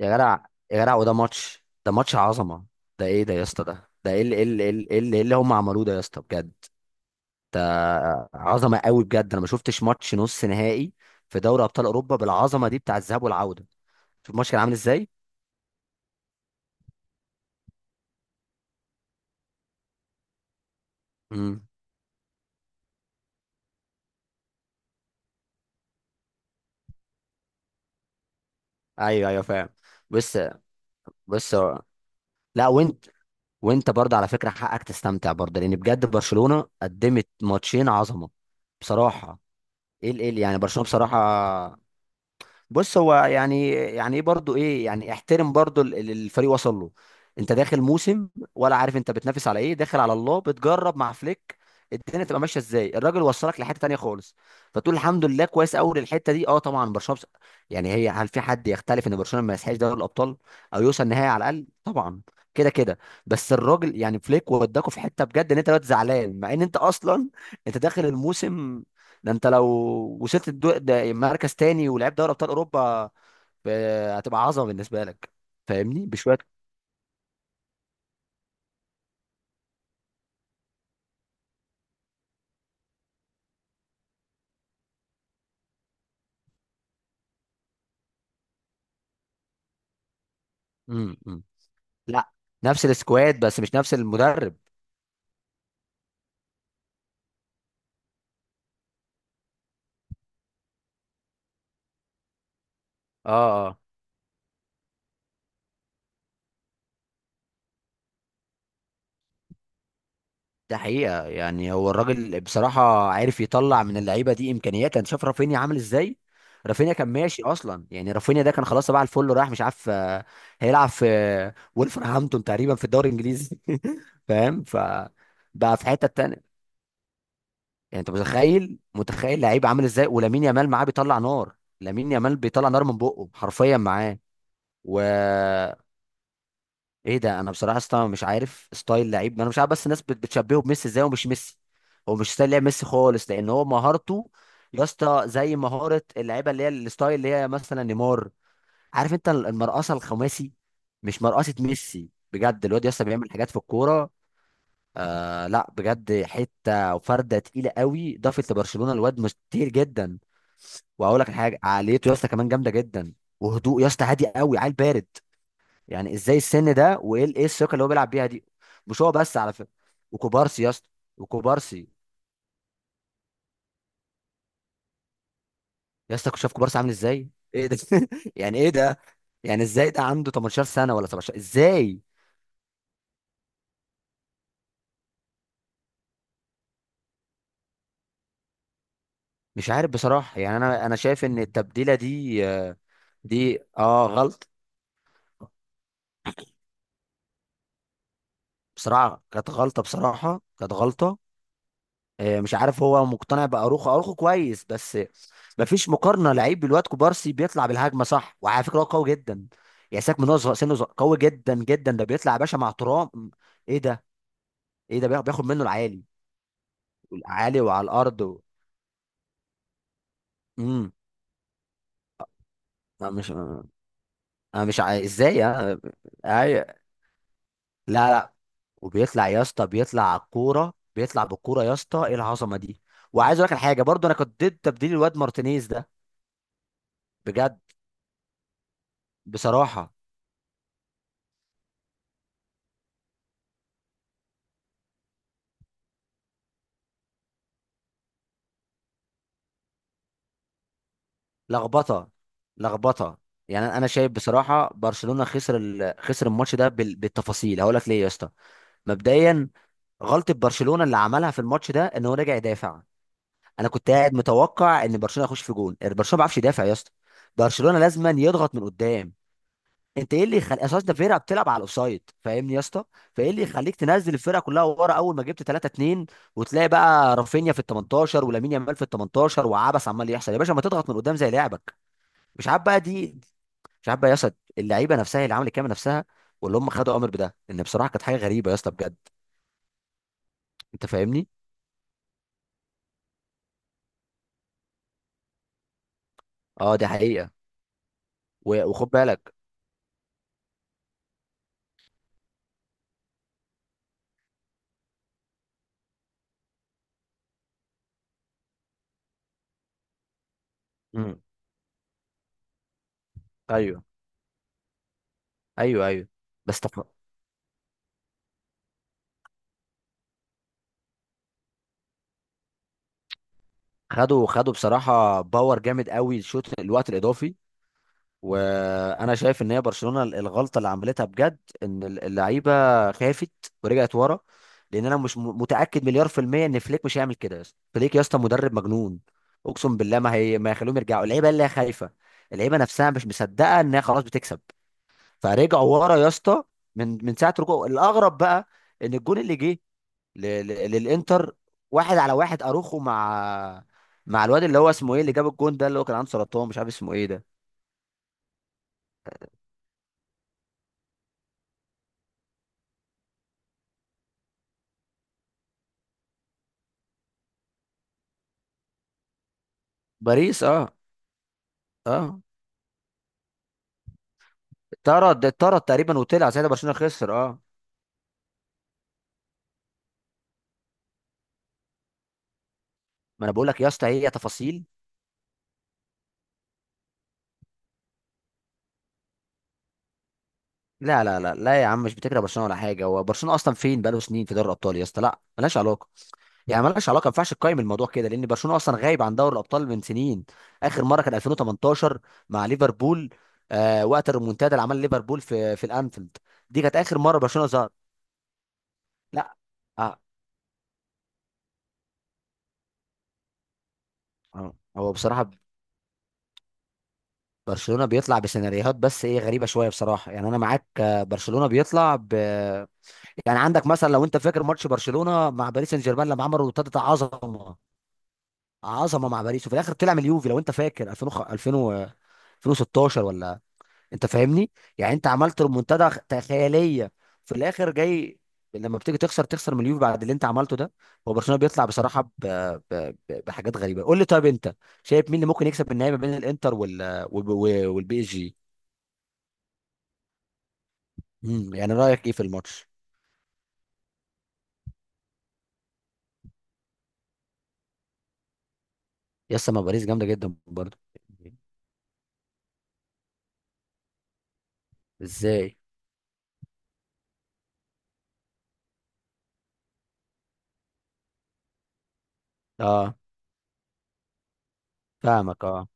يا جدع، يا جدع. وده ماتش ده ماتش عظمه. ده ايه ده يا اسطى؟ ده ده ايه اللي ايه اللي ايه اللي إيه اللي إيه اللي هم عملوه ده يا اسطى بجد. ده عظمه قوي بجد، انا ما شفتش ماتش نص نهائي في دوري ابطال اوروبا بالعظمه دي بتاع الذهاب والعوده. شوف الماتش كان عامل ازاي. امم. ايوه، ايوه، فاهم. بس، بس، لا. وانت برضه على فكره حقك تستمتع برضه، لان بجد برشلونه قدمت ماتشين عظمه بصراحه. يعني برشلونه بصراحه. بص، هو يعني ايه برضو؟ ايه؟ يعني احترم برضو اللي الفريق وصل له. انت داخل موسم، ولا عارف انت بتنافس على ايه؟ داخل على الله بتجرب مع فليك، الدنيا تبقى ماشيه ازاي. الراجل وصلك لحته تانية خالص، فتقول الحمد لله كويس قوي للحته دي. اه طبعا برشلونه يعني هل في حد يختلف ان برشلونه ما يسحقش دوري الابطال، او يوصل نهائي على الاقل؟ طبعا، كده كده. بس الراجل يعني فليك وداكوا في حته بجد، ان انت دلوقتي زعلان مع ان انت اصلا انت داخل الموسم ده. انت لو وصلت ده مركز تاني ولعبت دوري ابطال اوروبا، ف- هتبقى عظمه بالنسبه لك. فاهمني بشويه. أمم. لا، نفس السكواد بس مش نفس المدرب. اه، اه. ده حقيقه، يعني هو الراجل بصراحه عارف يطلع من اللعيبه دي امكانيات. انت شايف رافينيا عامل ازاي؟ رافينيا كان ماشي اصلا، يعني رافينيا ده كان خلاص تبع الفل رايح مش عارف هيلعب في ولفرهامبتون تقريبا في الدوري الانجليزي. فاهم؟ بقى في حته تانية. يعني انت متخيل؟ متخيل لعيب عامل ازاي؟ ولامين يامال معاه بيطلع نار. لامين يامال بيطلع نار من بقه حرفيا معاه. و ايه ده؟ انا بصراحه اصلا مش عارف ستايل لعيب، انا مش عارف بس الناس بتشبهه بميسي ازاي ومش ميسي؟ هو مش ستايل لعب ميسي خالص، لان هو مهارته يا اسطى زي مهاره اللعيبه اللي هي الستايل اللي هي مثلا نيمار. عارف انت المرقصه الخماسي؟ مش مرقصه ميسي. بجد الواد يا اسطى بيعمل حاجات في الكوره. آه لا بجد، حته وفرده تقيله قوي ضافت لبرشلونه الواد، مش كتير جدا. واقول لك حاجه، عقليته يا اسطى كمان جامده جدا، وهدوء يا اسطى، هادي قوي، عيل بارد. يعني ازاي السن ده، وايه ايه الثقه اللي هو بيلعب بيها دي؟ مش هو بس على فكره، وكوبارسي يا اسطى، وكوبارسي. يا اسطى كنت شايف كوبارسي عامل ازاي؟ ايه ده؟ يعني ايه ده؟ يعني ازاي ده عنده 18 سنه ولا 17؟ ازاي؟ مش عارف بصراحه، يعني انا شايف ان التبديله دي دي اه غلط. بصراحة كانت غلطة، بصراحة كانت غلطة. مش عارف، هو مقتنع بأروخو. أروخو كويس بس مفيش مقارنة لعيب بالواد كوبارسي. بيطلع بالهجمة صح، وعلى فكرة هو قوي جدا، يعني ساك. سنه صغير، قوي جدا جدا. ده بيطلع يا باشا مع ترام، ايه ده؟ ايه ده؟ بياخد منه العالي والعالي وعلى الأرض امم. انا مش انا مش عاي- ازاي انا أي... لا، لا. وبيطلع يا اسطى، بيطلع على الكورة، بيطلع بالكورة يا اسطى، ايه العظمة دي؟ وعايز اقول لك الحاجة برضو، انا كنت ضد تبديل الواد مارتينيز ده. بجد، بصراحة. لخبطة، لخبطة. يعني انا شايف بصراحة برشلونة خسر خسر الماتش ده بالتفاصيل، هقول لك ليه يا اسطى. مبدئيا، غلطة برشلونة اللي عملها في الماتش ده ان هو رجع يدافع. انا كنت قاعد متوقع ان برشلونة يخش في جون، يعني برشلونة ما بيعرفش يدافع يا اسطى. برشلونة لازما يضغط من قدام، انت ايه اللي يخلي اساس ده؟ فرقه بتلعب على الاوفسايد فاهمني يا اسطى، فايه اللي يخليك تنزل الفرقه كلها ورا اول ما جبت 3-2؟ وتلاقي بقى رافينيا في ال 18 ولامين يامال في ال 18 وعبس عمال يحصل يا باشا، ما تضغط من قدام زي لعبك. مش عارف بقى دي، مش عارف بقى يا اسطى. اللعيبه نفسها هي اللي عملت كده، نفسها. واللي هم خدوا امر بده، ان بصراحه كانت حاجه غريبه يا اسطى بجد. انت فاهمني. اه دي حقيقه. وخد بالك. امم. ايوه، ايوه، ايوه. بس تف- خدوا، خدوا بصراحه باور جامد قوي الشوط الوقت الاضافي. وانا شايف ان هي برشلونه الغلطه اللي عملتها بجد، ان اللعيبه خافت ورجعت ورا. لان انا مش متاكد مليار في الميه ان فليك مش هيعمل كده يا اسطى. فليك يا اسطى مدرب مجنون، اقسم بالله ما هي ما يخلوهم يرجعوا. اللعيبه اللي هي خايفه، اللعيبه نفسها مش مصدقه ان هي خلاص بتكسب، فرجعوا ورا يا اسطى. من ساعه رجوع. الاغرب بقى ان الجون اللي جه للانتر، واحد على واحد اروخو مع مع الواد اللي هو اسمه ايه اللي جاب الجون ده، اللي هو كان عنده سرطان، مش عارف اسمه ايه ده. باريس، اه. اه، طرد. اتطرد تقريبا وطلع ساعتها، برشلونه خسر. اه ما انا بقول لك يا اسطى هي تفاصيل. لا، لا، لا، لا يا عم، مش بتكره برشلونه ولا حاجه، هو برشلونه اصلا فين؟ بقاله سنين في دوري الابطال يا اسطى، لا ملهاش علاقه. يعني ملهاش علاقه، ما ينفعش تقيم الموضوع كده لان برشلونه اصلا غايب عن دوري الابطال من سنين. اخر مره كان 2018 مع ليفربول، آه، وقت الريمونتادا اللي عملها ليفربول في الانفيلد. دي كانت اخر مره برشلونه ظهر. لا. آه. آه. هو بصراحه برشلونه بيطلع بسيناريوهات بس ايه غريبه شويه بصراحه، يعني انا معاك. برشلونه بيطلع يعني عندك مثلا لو انت فاكر ماتش برشلونه مع باريس سان جيرمان، لما عملوا ابتدت عظمه. عظمه مع باريس وفي الاخر طلع من اليوفي. لو انت فاكر، 2016 ولا؟ انت فاهمني. يعني انت عملت ريمونتادا خياليه، في الاخر جاي لما بتيجي تخسر تخسر من اليوفي بعد اللي انت عملته ده؟ هو برشلونه بيطلع بصراحه بحاجات غريبه. قول لي طيب، انت شايف مين اللي ممكن يكسب النهائي ما بين الانتر والبي اس جي؟ مم، يعني رايك ايه في الماتش؟ يا ما باريس جامده جدا برضه. ازاي؟ اه، فاهمك. اه،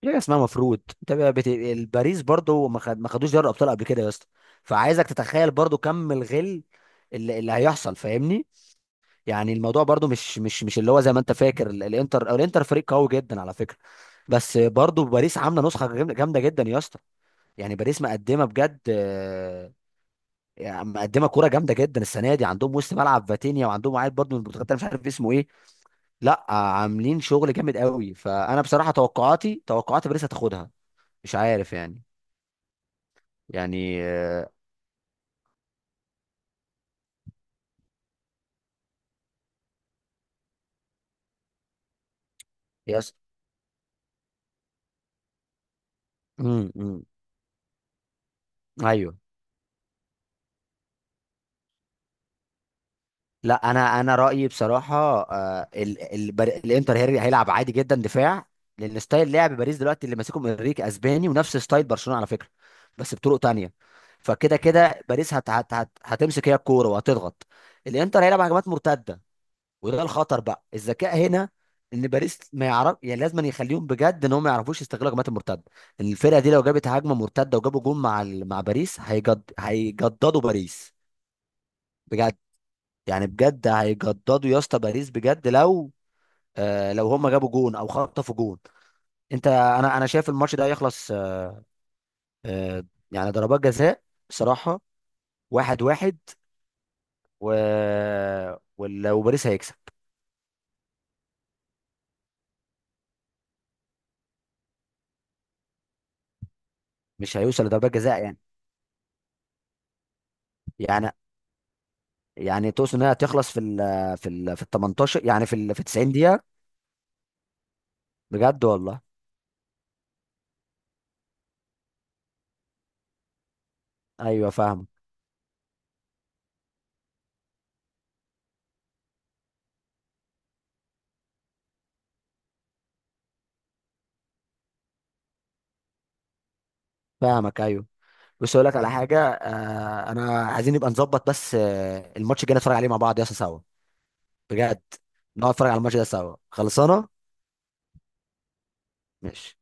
في حاجه اسمها مفروض؟ انت بقى الباريس برضو ما خدوش دوري الابطال قبل كده يا اسطى، فعايزك تتخيل برضو كم الغل اللي، اللي هيحصل. فاهمني؟ يعني الموضوع برضو مش اللي هو زي ما انت فاكر. الانتر، او الانتر فريق قوي جدا على فكره، بس برضو باريس عامله نسخه جامده، جامدة جدا يا اسطى. يعني باريس مقدمه بجد، يعني مقدمه كوره جامده جدا السنه دي. عندهم وسط ملعب فاتينيا، وعندهم واحد برضو من البرتغال ده مش عارف اسمه ايه. لا، عاملين شغل جامد قوي، فانا بصراحه توقعاتي توقعات باريس هتاخدها. مش عارف يعني، يعني يس. أمم. ايوه. لا، انا رايي بصراحه الانتر هيلعب عادي جدا دفاع، لان ستايل لعب باريس دلوقتي اللي ماسكهم انريكي اسباني ونفس ستايل برشلونه على فكره، بس بطرق تانية. فكده كده باريس هتمسك هي الكوره وهتضغط، الانتر هيلعب هجمات مرتده، وده الخطر بقى. الذكاء هنا ان باريس ما يعرف، يعني لازم يخليهم بجد ان هم ما يعرفوش يستغلوا هجمات المرتده. الفرقه دي لو جابت هجمه مرتده وجابوا جون مع مع باريس، هيجددوا باريس بجد. يعني بجد هيجددوا يا اسطى باريس بجد، لو آه لو هم جابوا جون او خطفوا جون، انت انا شايف الماتش ده يخلص آه، آه، يعني ضربات جزاء بصراحه، واحد واحد، و... ولو باريس هيكسب. مش هيوصل لضربات جزاء يعني يعني؟ يعني تقصد انها تخلص في ال 18؟ يعني في ال في 90 دقيقة؟ بجد والله، ايوه، فاهمك. فاهمك، ايوه. بس اقول لك على حاجة آه، انا عايزين نبقى نظبط بس آه الماتش الجاي نتفرج عليه مع بعض يا اسطى سوا، بجد. نقعد نتفرج على الماتش ده سوا، خلصانة؟ ماشي.